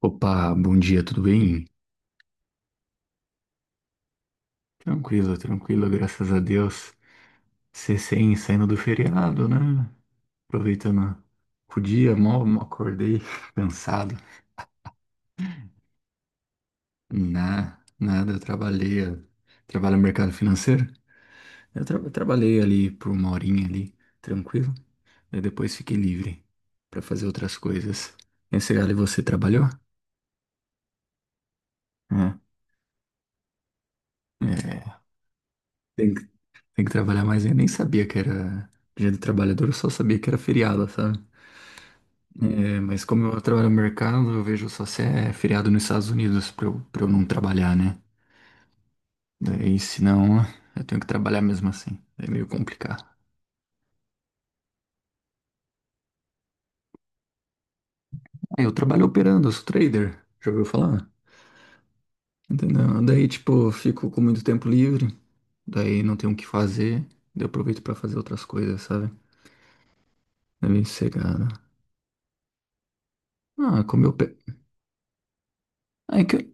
Opa, bom dia, tudo bem? Tranquilo, tranquilo, graças a Deus. Recém saindo do feriado, né? Aproveitando o dia, mal acordei, cansado. Nada, eu trabalho no mercado financeiro. Eu trabalhei ali por uma horinha ali, tranquilo. Daí depois fiquei livre para fazer outras coisas. Esse galho, você trabalhou? É. É. Tem que, tem que trabalhar mais. Eu nem sabia que era Dia do Trabalhador, eu só sabia que era feriado, sabe? É, mas como eu trabalho no mercado, eu vejo só se é feriado nos Estados Unidos pra eu não trabalhar, né? Daí, se não, eu tenho que trabalhar mesmo assim. É meio complicado. Aí eu trabalho operando, eu sou trader. Já ouviu falar? Entendeu? Daí, tipo, eu fico com muito tempo livre. Daí não tenho o que fazer. Daí eu aproveito pra fazer outras coisas, sabe? É meio sossegado. Ah, como eu... pe- Ah, É que eu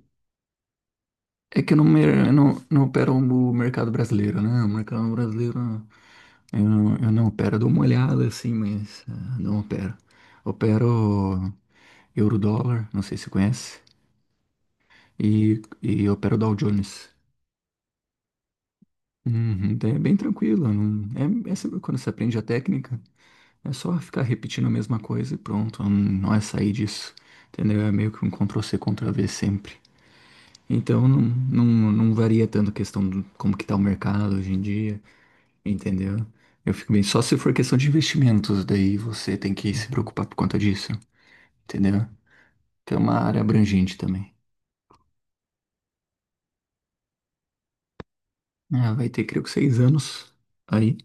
É que eu não opero o mercado brasileiro, né? O mercado brasileiro eu não opero, eu dou uma olhada assim, mas não opero. Opero euro-dólar, não sei se você conhece, e opero Dow Jones. Uhum, daí é bem tranquilo, não, é sempre quando você aprende a técnica, é só ficar repetindo a mesma coisa e pronto, não é sair disso, entendeu? É meio que um Ctrl-C, Ctrl-V sempre. Então não varia tanto a questão de como que tá o mercado hoje em dia. Entendeu? Eu fico bem. Só se for questão de investimentos, daí você tem que se preocupar por conta disso. Entendeu? Que é uma área abrangente também. Ah, vai ter, creio que 6 anos aí.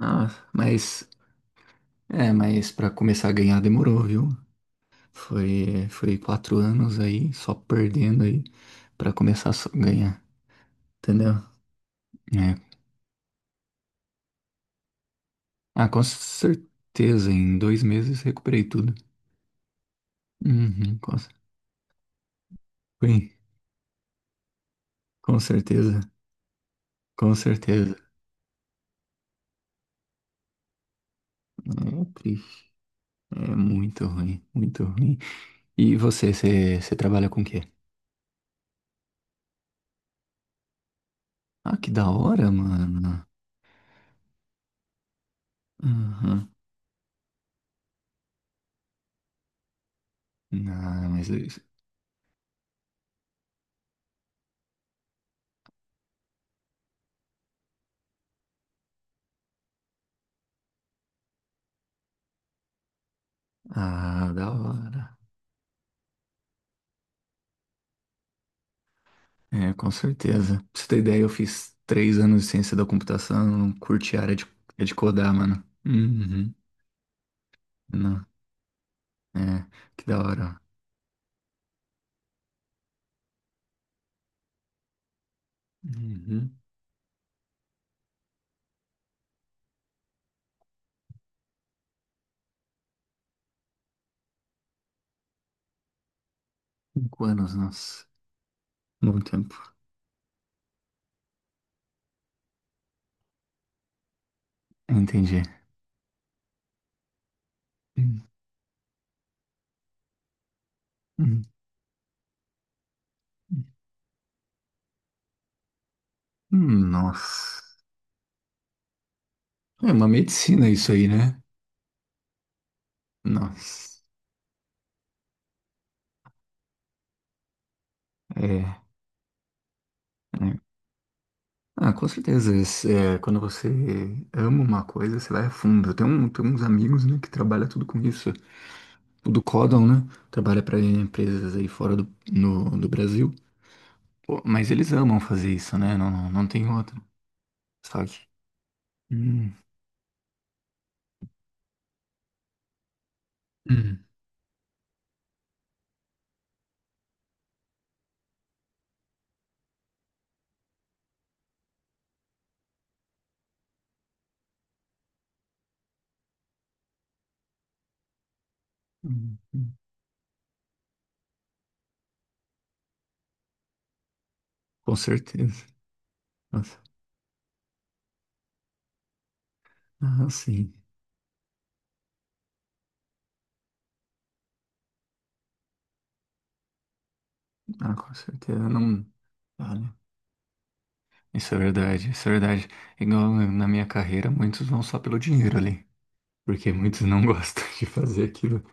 Ah, mas. É, mas para começar a ganhar demorou, viu? Foi 4 anos aí, só perdendo aí, para começar a ganhar. Entendeu? É. Ah, com certeza, em 2 meses recuperei tudo. Uhum. Sim, com certeza. Com certeza. É triste. É muito ruim, muito ruim. E você trabalha com o quê? Ah, que da hora, mano. Uhum. Ah, mas. isso- Ah, da hora. É, com certeza. Pra você ter ideia, eu fiz 3 anos de ciência da computação, não curti a área de codar, mano. Uhum. Não. É, que da hora. Uhum. 5 anos, nossa. Muito tempo. Entendi. Hum, hum, Nossa. É uma medicina isso aí, né? Nossa. É. É. Ah, com certeza. Quando você ama uma coisa, você vai a fundo. Eu tenho uns amigos, né, que trabalham tudo com isso. Tudo do, né? Trabalha para empresas aí fora do, no, do Brasil. Pô, mas eles amam fazer isso, né? Não, não, não tem outra. Só que. Hum. Hum. Hum, hum. Com certeza. Nossa. Ah, sim. Ah, com certeza. Não. Olha, isso é verdade, isso é verdade. Igual na minha carreira, muitos vão só pelo dinheiro ali, porque muitos não gostam de fazer aquilo.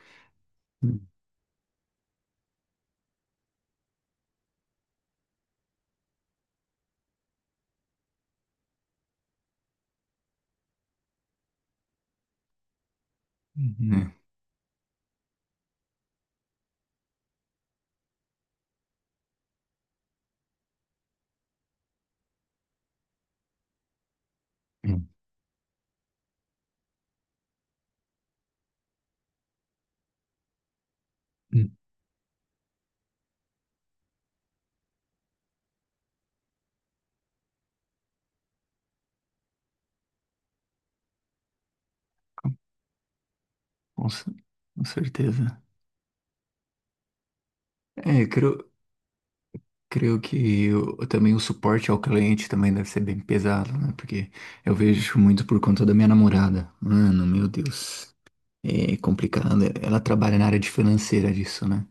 Uhum, né? Hum. Hum. Com, ce- com certeza. É, eu creio também o suporte ao cliente também deve ser bem pesado, né? Porque eu vejo muito por conta da minha namorada. Mano, meu Deus. É complicado. Ela trabalha na área de financeira disso, né?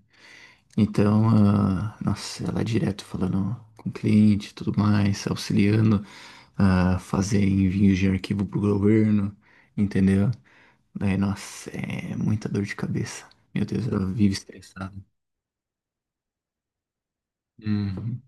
Então, nossa, ela é direto falando com o cliente e tudo mais, auxiliando a fazer envios de arquivo pro governo, entendeu? É, nossa, é muita dor de cabeça. Meu Deus, ela vive estressada. Uhum.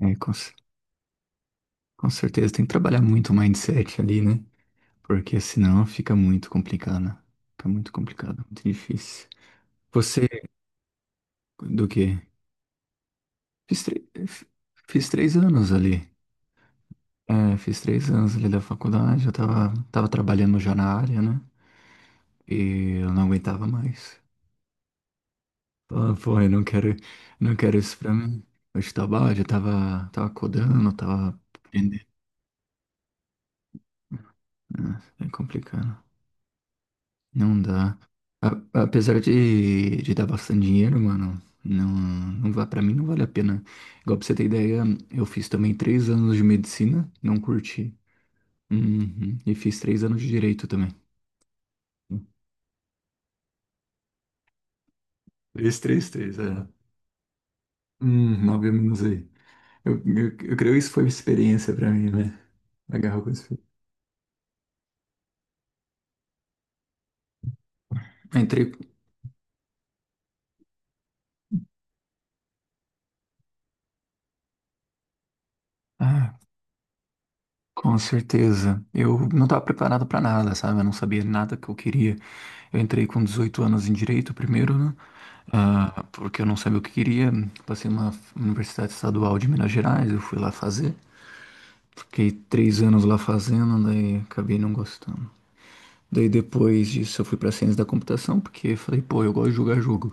É, com certeza tem que trabalhar muito o mindset ali, né? Porque senão fica muito complicado, né? Fica muito complicado, muito difícil. Você, do quê? Fiz, tre- f- fiz 3 anos ali. É, fiz 3 anos ali da faculdade, eu tava trabalhando já na área, né? E eu não aguentava mais. Ah, pô, eu não quero isso pra mim. Eu estava, já tava codando, tava. Nossa, é complicado. Não dá. Apesar de dar bastante dinheiro, mano, não vai, pra mim não vale a pena. Igual pra você ter ideia, eu fiz também 3 anos de medicina, não curti. Uhum. E fiz 3 anos de direito também. Três, três, três, é. 9 anos aí. Eu creio que isso foi uma experiência pra mim, né? Agarrou com isso. Entrei. Com certeza. Eu não estava preparado para nada, sabe? Eu não sabia nada que eu queria. Eu entrei com 18 anos em direito primeiro, né? Ah, porque eu não sabia o que queria. Passei numa universidade estadual de Minas Gerais, eu fui lá fazer. Fiquei 3 anos lá fazendo, daí acabei não gostando. Daí depois disso eu fui para ciência da computação, porque falei, pô, eu gosto de jogar jogo,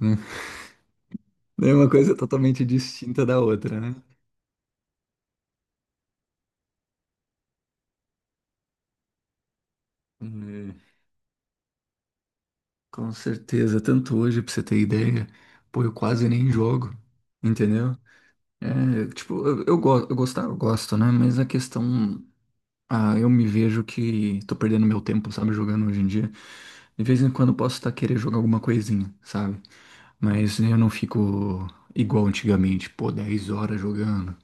né? Daí é uma coisa totalmente distinta da outra, né? Com certeza, tanto hoje, pra você ter ideia, pô, eu quase nem jogo, entendeu? É, tipo, eu, go- eu gostar, eu gosto, né? Mas a questão, eu me vejo que tô perdendo meu tempo, sabe, jogando hoje em dia. De vez em quando eu posso estar querendo jogar alguma coisinha, sabe? Mas eu não fico igual antigamente, pô, 10 horas jogando,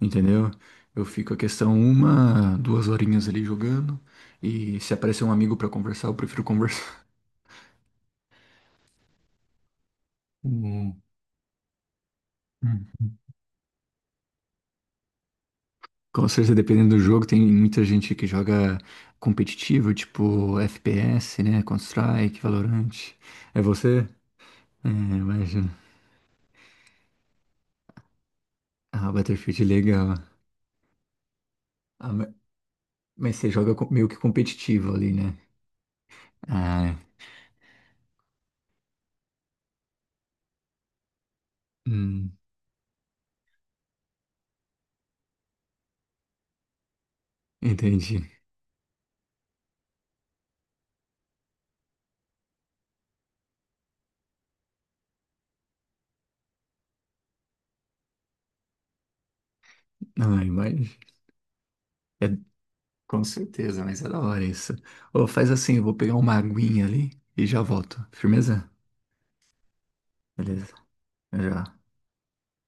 entendeu? Eu fico a questão uma, duas horinhas ali jogando, e se aparecer um amigo pra conversar, eu prefiro conversar. Hum. Com certeza, dependendo do jogo, tem muita gente que joga competitivo, tipo FPS, né? Counter-Strike, Valorant. É você? É, imagina. Ah, Battlefield é legal. Ah, ma- mas você joga meio que competitivo ali, né? Ah, é. hum, Entendi. Ah, imagina. É, com certeza, mas é da hora isso. Ô, faz assim, eu vou pegar uma aguinha ali e já volto. Firmeza? Beleza. Já.